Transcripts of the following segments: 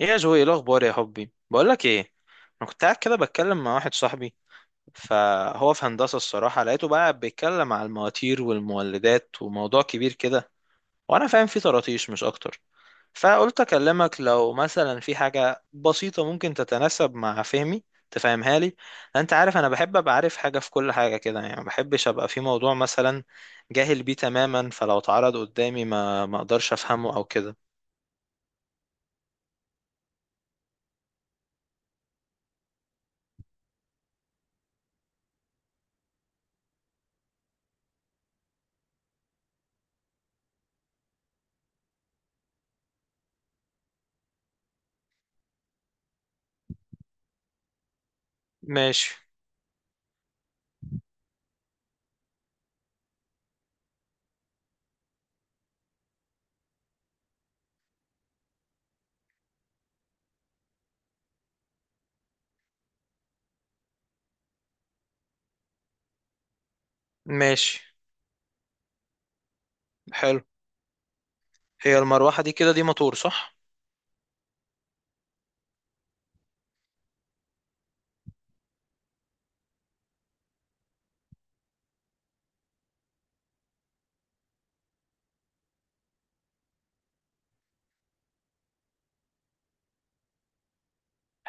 ايه يا جوي، ايه الاخبار يا حبي؟ بقول لك ايه، انا كنت قاعد كده بتكلم مع واحد صاحبي، فهو في هندسه الصراحه لقيته بقى بيتكلم على المواتير والمولدات وموضوع كبير كده، وانا فاهم فيه طراطيش مش اكتر. فقلت اكلمك لو مثلا في حاجه بسيطه ممكن تتناسب مع فهمي تفهمها لي. انت عارف انا بحب ابقى عارف حاجه في كل حاجه كده، يعني ما بحبش ابقى في موضوع مثلا جاهل بيه تماما، فلو اتعرض قدامي ما اقدرش افهمه او كده. ماشي، ماشي. حلو. هي المروحة دي كده دي موتور صح؟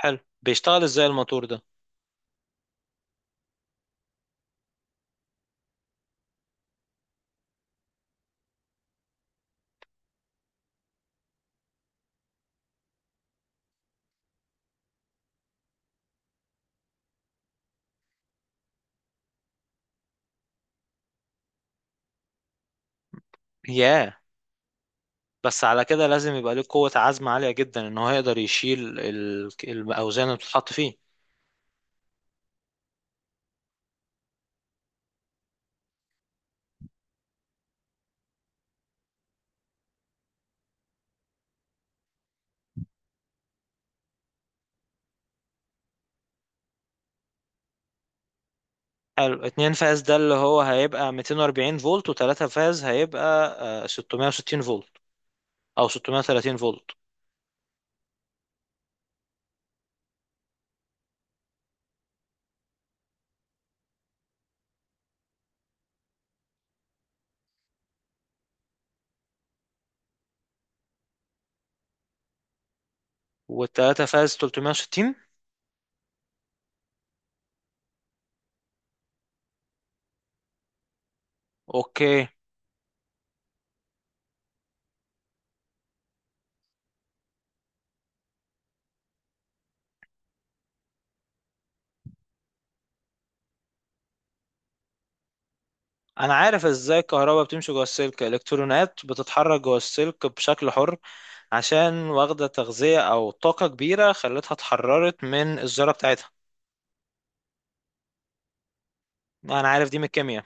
حلو، بيشتغل ازاي الموتور ده؟ ياه. بس على كده لازم يبقى ليه قوة عزم عالية جدا ان هو يقدر يشيل الأوزان اللي بتتحط فيه. حلو، اتنين فاز ده اللي هو هيبقى 240 فولت، وتلاتة فاز هيبقى 660 فولت أو 630 فولت. والتلاتة فاز 360؟ اوكي. انا عارف ازاي الكهرباء بتمشي جوه السلك، الالكترونات بتتحرك جوه السلك بشكل حر، عشان واخده تغذيه او طاقه كبيره خلتها اتحررت من الذره بتاعتها. انا عارف دي من الكيمياء.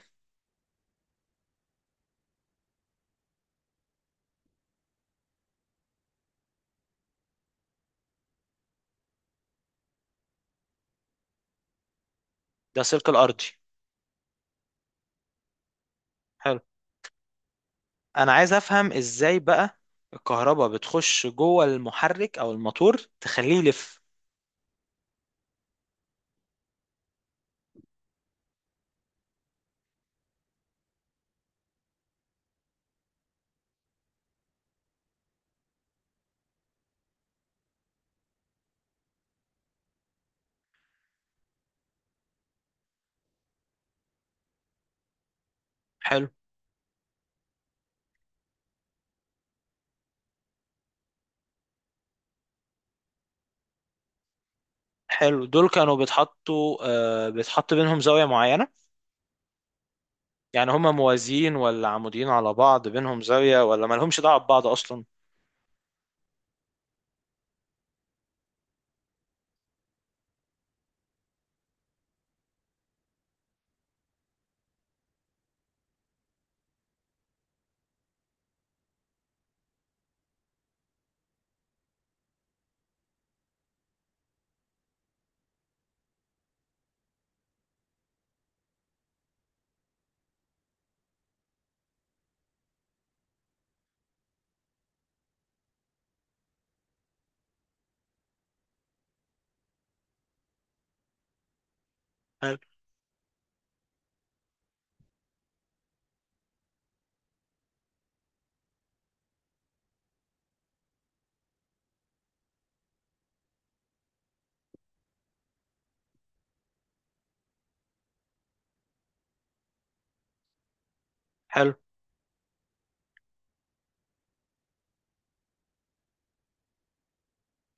ده السلك الارضي. حلو. انا عايز افهم ازاي بقى الكهرباء بتخش جوه المحرك او الموتور تخليه يلف. حلو. حلو، دول كانوا بيتحطوا آه بيتحط بينهم زاويه معينه؟ يعني هما موازيين ولا عموديين على بعض، بينهم زاويه ولا مالهمش دعوه ببعض اصلا؟ حلو. حلو.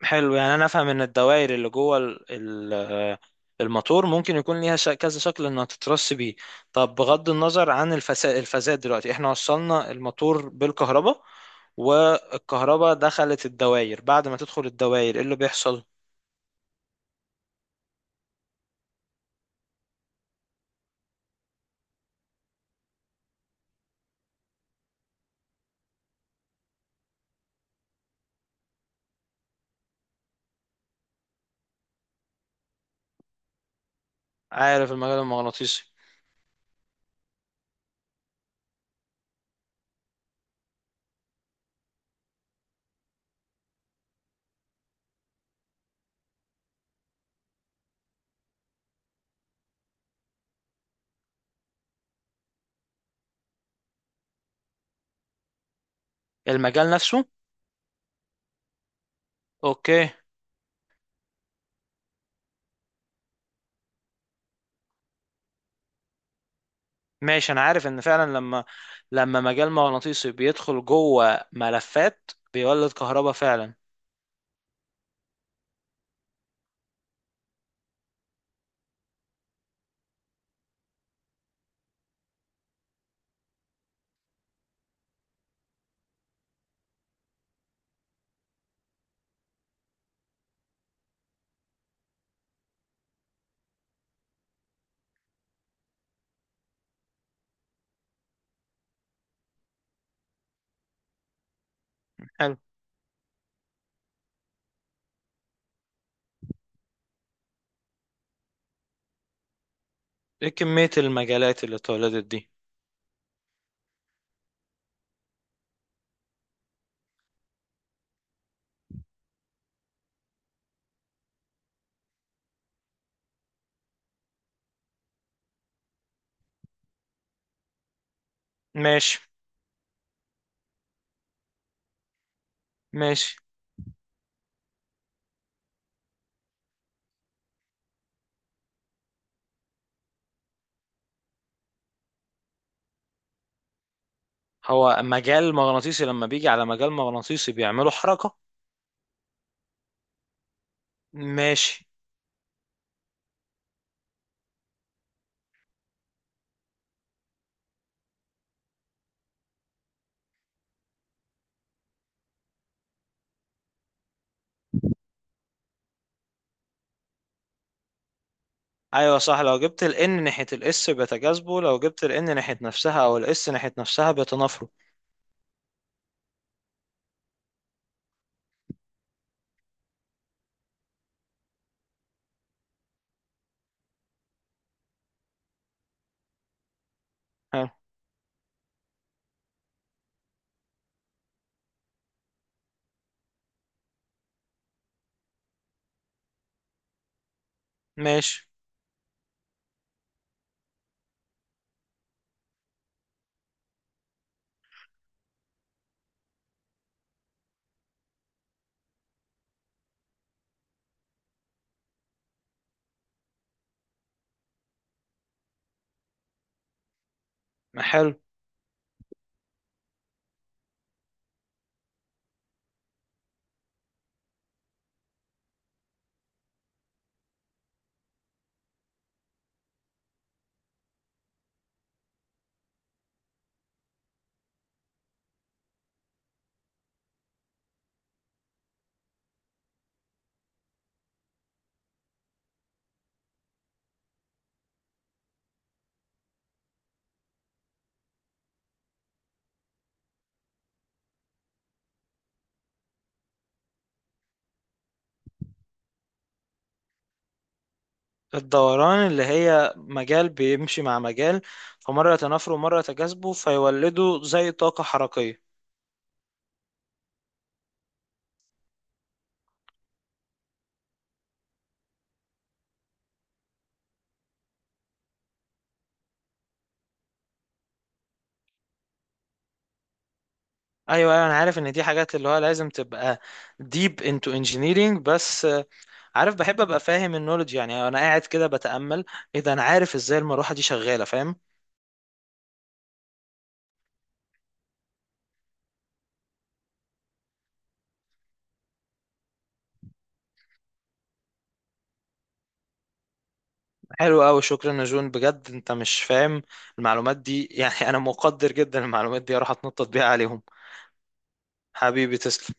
حلو، يعني انا افهم ان الدوائر اللي جوه ال- الموتور ممكن يكون ليها كذا شكل انها تترص بيه. طب بغض النظر عن الفساد، دلوقتي احنا وصلنا الموتور بالكهرباء والكهرباء دخلت الدوائر، بعد ما تدخل الدوائر ايه اللي بيحصل؟ عارف المجال المغناطيسي. المجال نفسه. اوكي. ماشي. انا عارف ان فعلا لما مجال مغناطيسي بيدخل جوه ملفات بيولد كهرباء فعلا. حلو. ايه كمية المجالات اللي اتولدت دي؟ ماشي، ماشي. هو مجال مغناطيسي لما بيجي على مجال مغناطيسي بيعملوا حركة؟ ماشي. ايوه صح، لو جبت ال N ناحية ال S بيتجاذبوا، لو جبت ال N ناحية نفسها او ال S ناحية نفسها بيتنافروا. حلو. ماشي. حلو، الدوران اللي هي مجال بيمشي مع مجال، فمرة يتنافروا ومرة يتجاذبوا فيولدوا زي طاقة حركية. ايوه، ايوه، انا عارف ان دي حاجات اللي هو لازم تبقى deep into engineering، بس عارف بحب ابقى فاهم النولج، يعني انا قاعد كده بتامل، اذا انا عارف ازاي المروحه دي شغاله فاهم. حلو قوي، شكرا يا جون بجد، انت مش فاهم المعلومات دي يعني انا مقدر جدا المعلومات دي اروح اتنطط بيها عليهم. حبيبي، تسلم.